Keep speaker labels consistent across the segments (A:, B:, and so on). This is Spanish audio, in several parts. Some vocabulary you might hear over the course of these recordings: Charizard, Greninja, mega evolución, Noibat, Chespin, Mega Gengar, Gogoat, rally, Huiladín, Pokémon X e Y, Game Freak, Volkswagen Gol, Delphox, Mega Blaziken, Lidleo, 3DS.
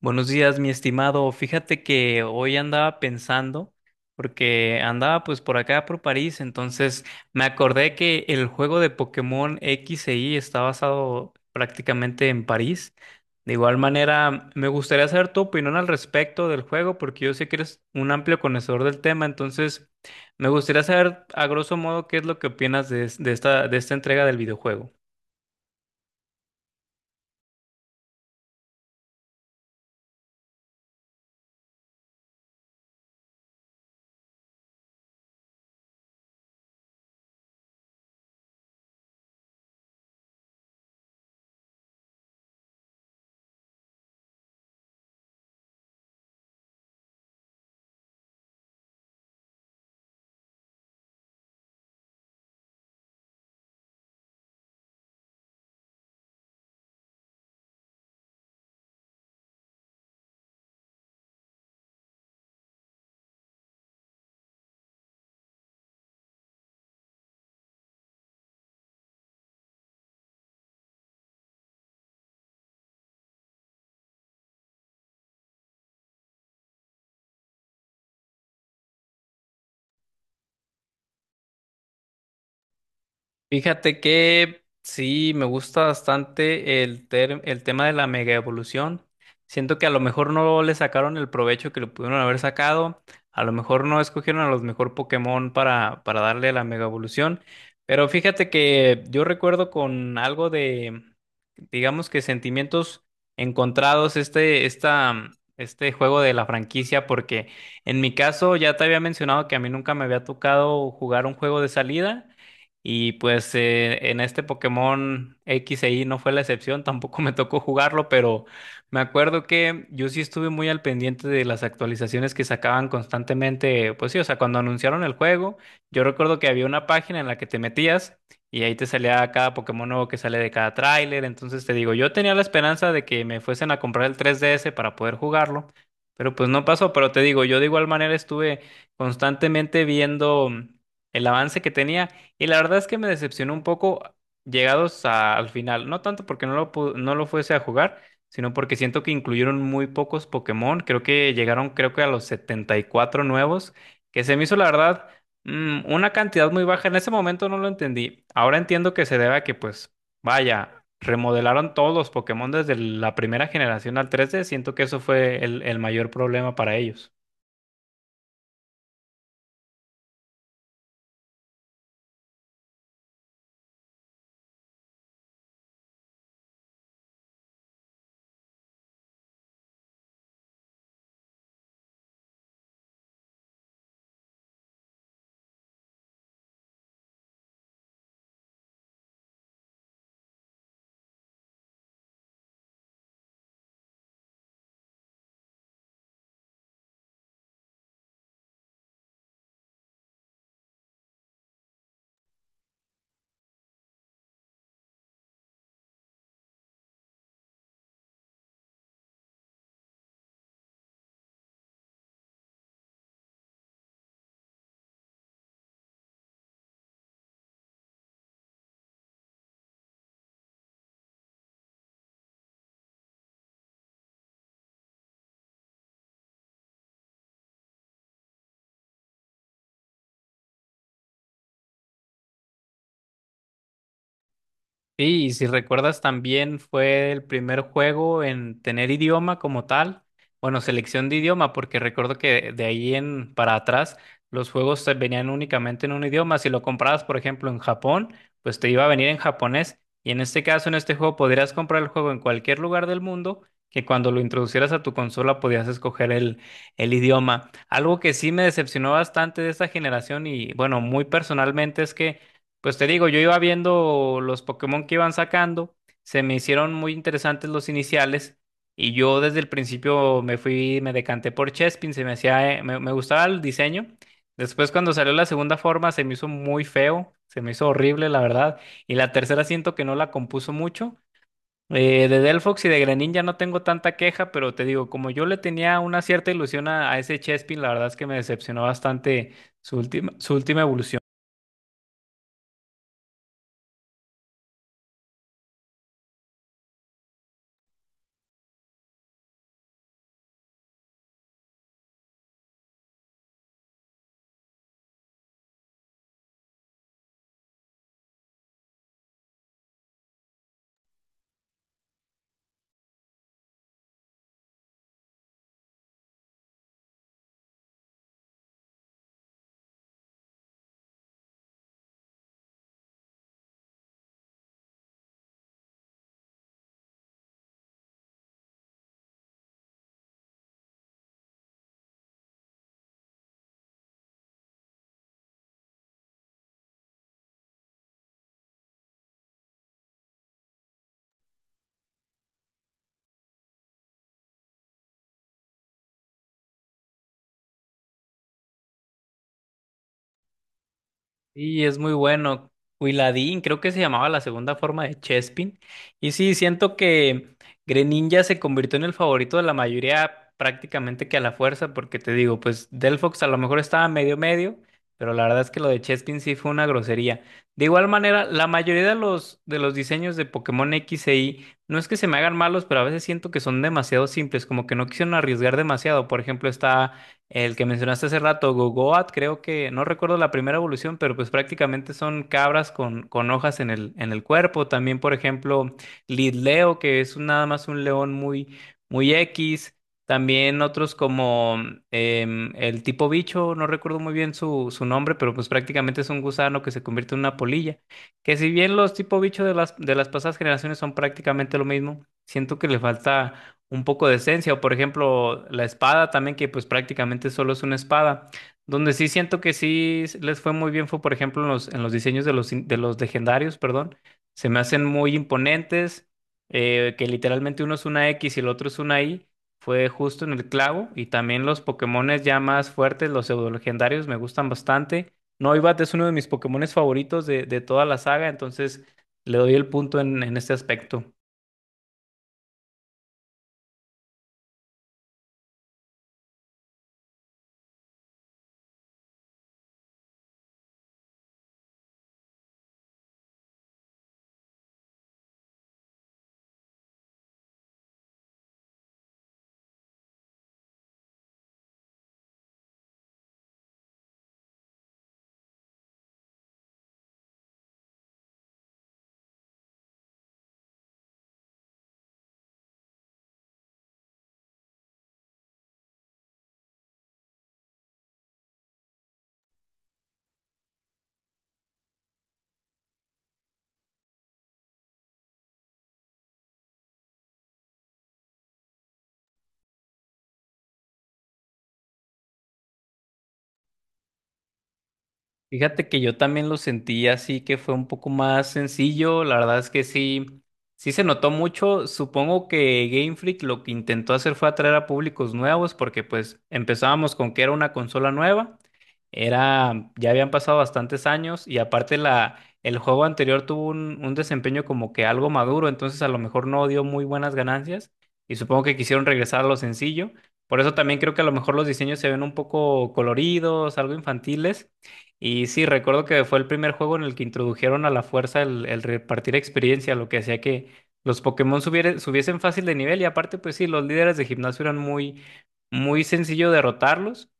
A: Buenos días, mi estimado. Fíjate que hoy andaba pensando, porque andaba pues por acá por París, entonces me acordé que el juego de Pokémon X e Y está basado prácticamente en París. De igual manera, me gustaría saber tu opinión al respecto del juego, porque yo sé que eres un amplio conocedor del tema, entonces me gustaría saber a grosso modo qué es lo que opinas de esta entrega del videojuego. Fíjate que sí, me gusta bastante el tema de la mega evolución. Siento que a lo mejor no le sacaron el provecho que le pudieron haber sacado. A lo mejor no escogieron a los mejor Pokémon para darle la mega evolución. Pero fíjate que yo recuerdo con algo de, digamos que sentimientos encontrados este juego de la franquicia, porque en mi caso ya te había mencionado que a mí nunca me había tocado jugar un juego de salida. Y pues en este Pokémon X e Y no fue la excepción, tampoco me tocó jugarlo, pero me acuerdo que yo sí estuve muy al pendiente de las actualizaciones que sacaban constantemente. Pues sí, o sea, cuando anunciaron el juego, yo recuerdo que había una página en la que te metías y ahí te salía cada Pokémon nuevo que sale de cada tráiler. Entonces te digo, yo tenía la esperanza de que me fuesen a comprar el 3DS para poder jugarlo, pero pues no pasó. Pero te digo, yo de igual manera estuve constantemente viendo el avance que tenía. Y la verdad es que me decepcionó un poco llegados al final. No tanto porque no lo fuese a jugar, sino porque siento que incluyeron muy pocos Pokémon. Creo que a los 74 nuevos, que se me hizo la verdad una cantidad muy baja. En ese momento no lo entendí. Ahora entiendo que se debe a que, pues, vaya, remodelaron todos los Pokémon desde la primera generación al 3D. Siento que eso fue el mayor problema para ellos. Sí, y si recuerdas también fue el primer juego en tener idioma como tal, bueno, selección de idioma, porque recuerdo que de ahí en para atrás los juegos se venían únicamente en un idioma. Si lo comprabas, por ejemplo, en Japón, pues te iba a venir en japonés. Y en este caso, en este juego, podrías comprar el juego en cualquier lugar del mundo, que cuando lo introducieras a tu consola podías escoger el idioma. Algo que sí me decepcionó bastante de esta generación y bueno, muy personalmente es que... Pues te digo, yo iba viendo los Pokémon que iban sacando, se me hicieron muy interesantes los iniciales y yo desde el principio me fui, me decanté por Chespin, se me hacía, me gustaba el diseño. Después cuando salió la segunda forma se me hizo muy feo, se me hizo horrible la verdad. Y la tercera siento que no la compuso mucho. De Delphox y de Greninja no tengo tanta queja, pero te digo, como yo le tenía una cierta ilusión a ese Chespin, la verdad es que me decepcionó bastante su última evolución. Y es muy bueno. Huiladín, creo que se llamaba la segunda forma de Chespin. Y sí, siento que Greninja se convirtió en el favorito de la mayoría prácticamente que a la fuerza, porque te digo, pues Delphox a lo mejor estaba medio medio, pero la verdad es que lo de Chespin sí fue una grosería. De igual manera, la mayoría de de los diseños de Pokémon X e Y no es que se me hagan malos, pero a veces siento que son demasiado simples, como que no quisieron arriesgar demasiado. Por ejemplo, está el que mencionaste hace rato, Gogoat, creo que, no recuerdo la primera evolución, pero pues prácticamente son cabras con hojas en en el cuerpo. También, por ejemplo, Lidleo, que es nada más un león muy, muy X. También otros como el tipo bicho, no recuerdo muy bien su nombre, pero pues prácticamente es un gusano que se convierte en una polilla. Que si bien los tipo bicho de de las pasadas generaciones son prácticamente lo mismo, siento que le falta un poco de esencia, o por ejemplo la espada también, que pues prácticamente solo es una espada. Donde sí siento que sí les fue muy bien fue, por ejemplo, en en los diseños de los legendarios, perdón. Se me hacen muy imponentes, que literalmente uno es una X y el otro es una Y. Fue justo en el clavo. Y también los Pokémones ya más fuertes, los pseudo legendarios, me gustan bastante. Noibat es uno de mis Pokémones favoritos de toda la saga, entonces le doy el punto en este aspecto. Fíjate que yo también lo sentí así que fue un poco más sencillo. La verdad es que sí, sí se notó mucho. Supongo que Game Freak lo que intentó hacer fue atraer a públicos nuevos porque pues empezábamos con que era una consola nueva. Era, ya habían pasado bastantes años y aparte el juego anterior tuvo un desempeño como que algo maduro, entonces a lo mejor no dio muy buenas ganancias y supongo que quisieron regresar a lo sencillo. Por eso también creo que a lo mejor los diseños se ven un poco coloridos, algo infantiles. Y sí, recuerdo que fue el primer juego en el que introdujeron a la fuerza el repartir experiencia, lo que hacía que los Pokémon subiesen fácil de nivel y aparte pues sí, los líderes de gimnasio eran muy, muy sencillo derrotarlos.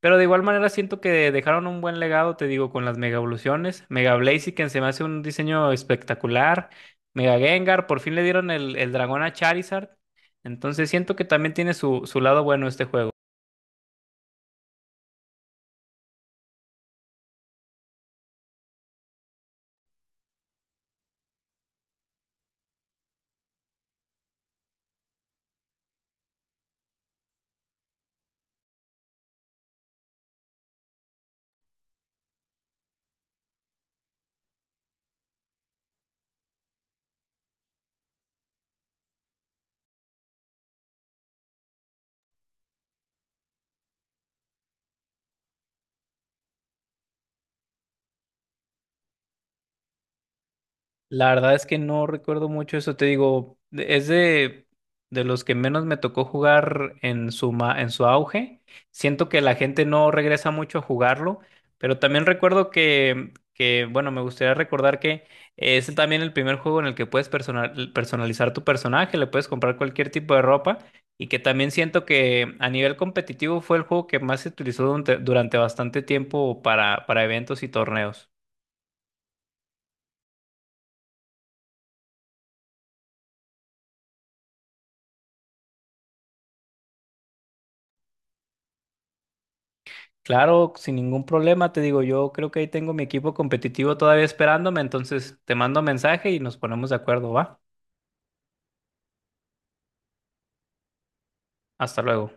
A: Pero de igual manera siento que dejaron un buen legado, te digo, con las Mega Evoluciones. Mega Blaziken se me hace un diseño espectacular. Mega Gengar, por fin le dieron el dragón a Charizard. Entonces siento que también tiene su, su lado bueno este juego. La verdad es que no recuerdo mucho eso, te digo, de los que menos me tocó jugar en su auge. Siento que la gente no regresa mucho a jugarlo, pero también recuerdo que bueno, me gustaría recordar que es también el primer juego en el que puedes personalizar tu personaje, le puedes comprar cualquier tipo de ropa y que también siento que a nivel competitivo fue el juego que más se utilizó durante bastante tiempo para eventos y torneos. Claro, sin ningún problema, te digo, yo creo que ahí tengo mi equipo competitivo todavía esperándome, entonces te mando mensaje y nos ponemos de acuerdo, ¿va? Hasta luego.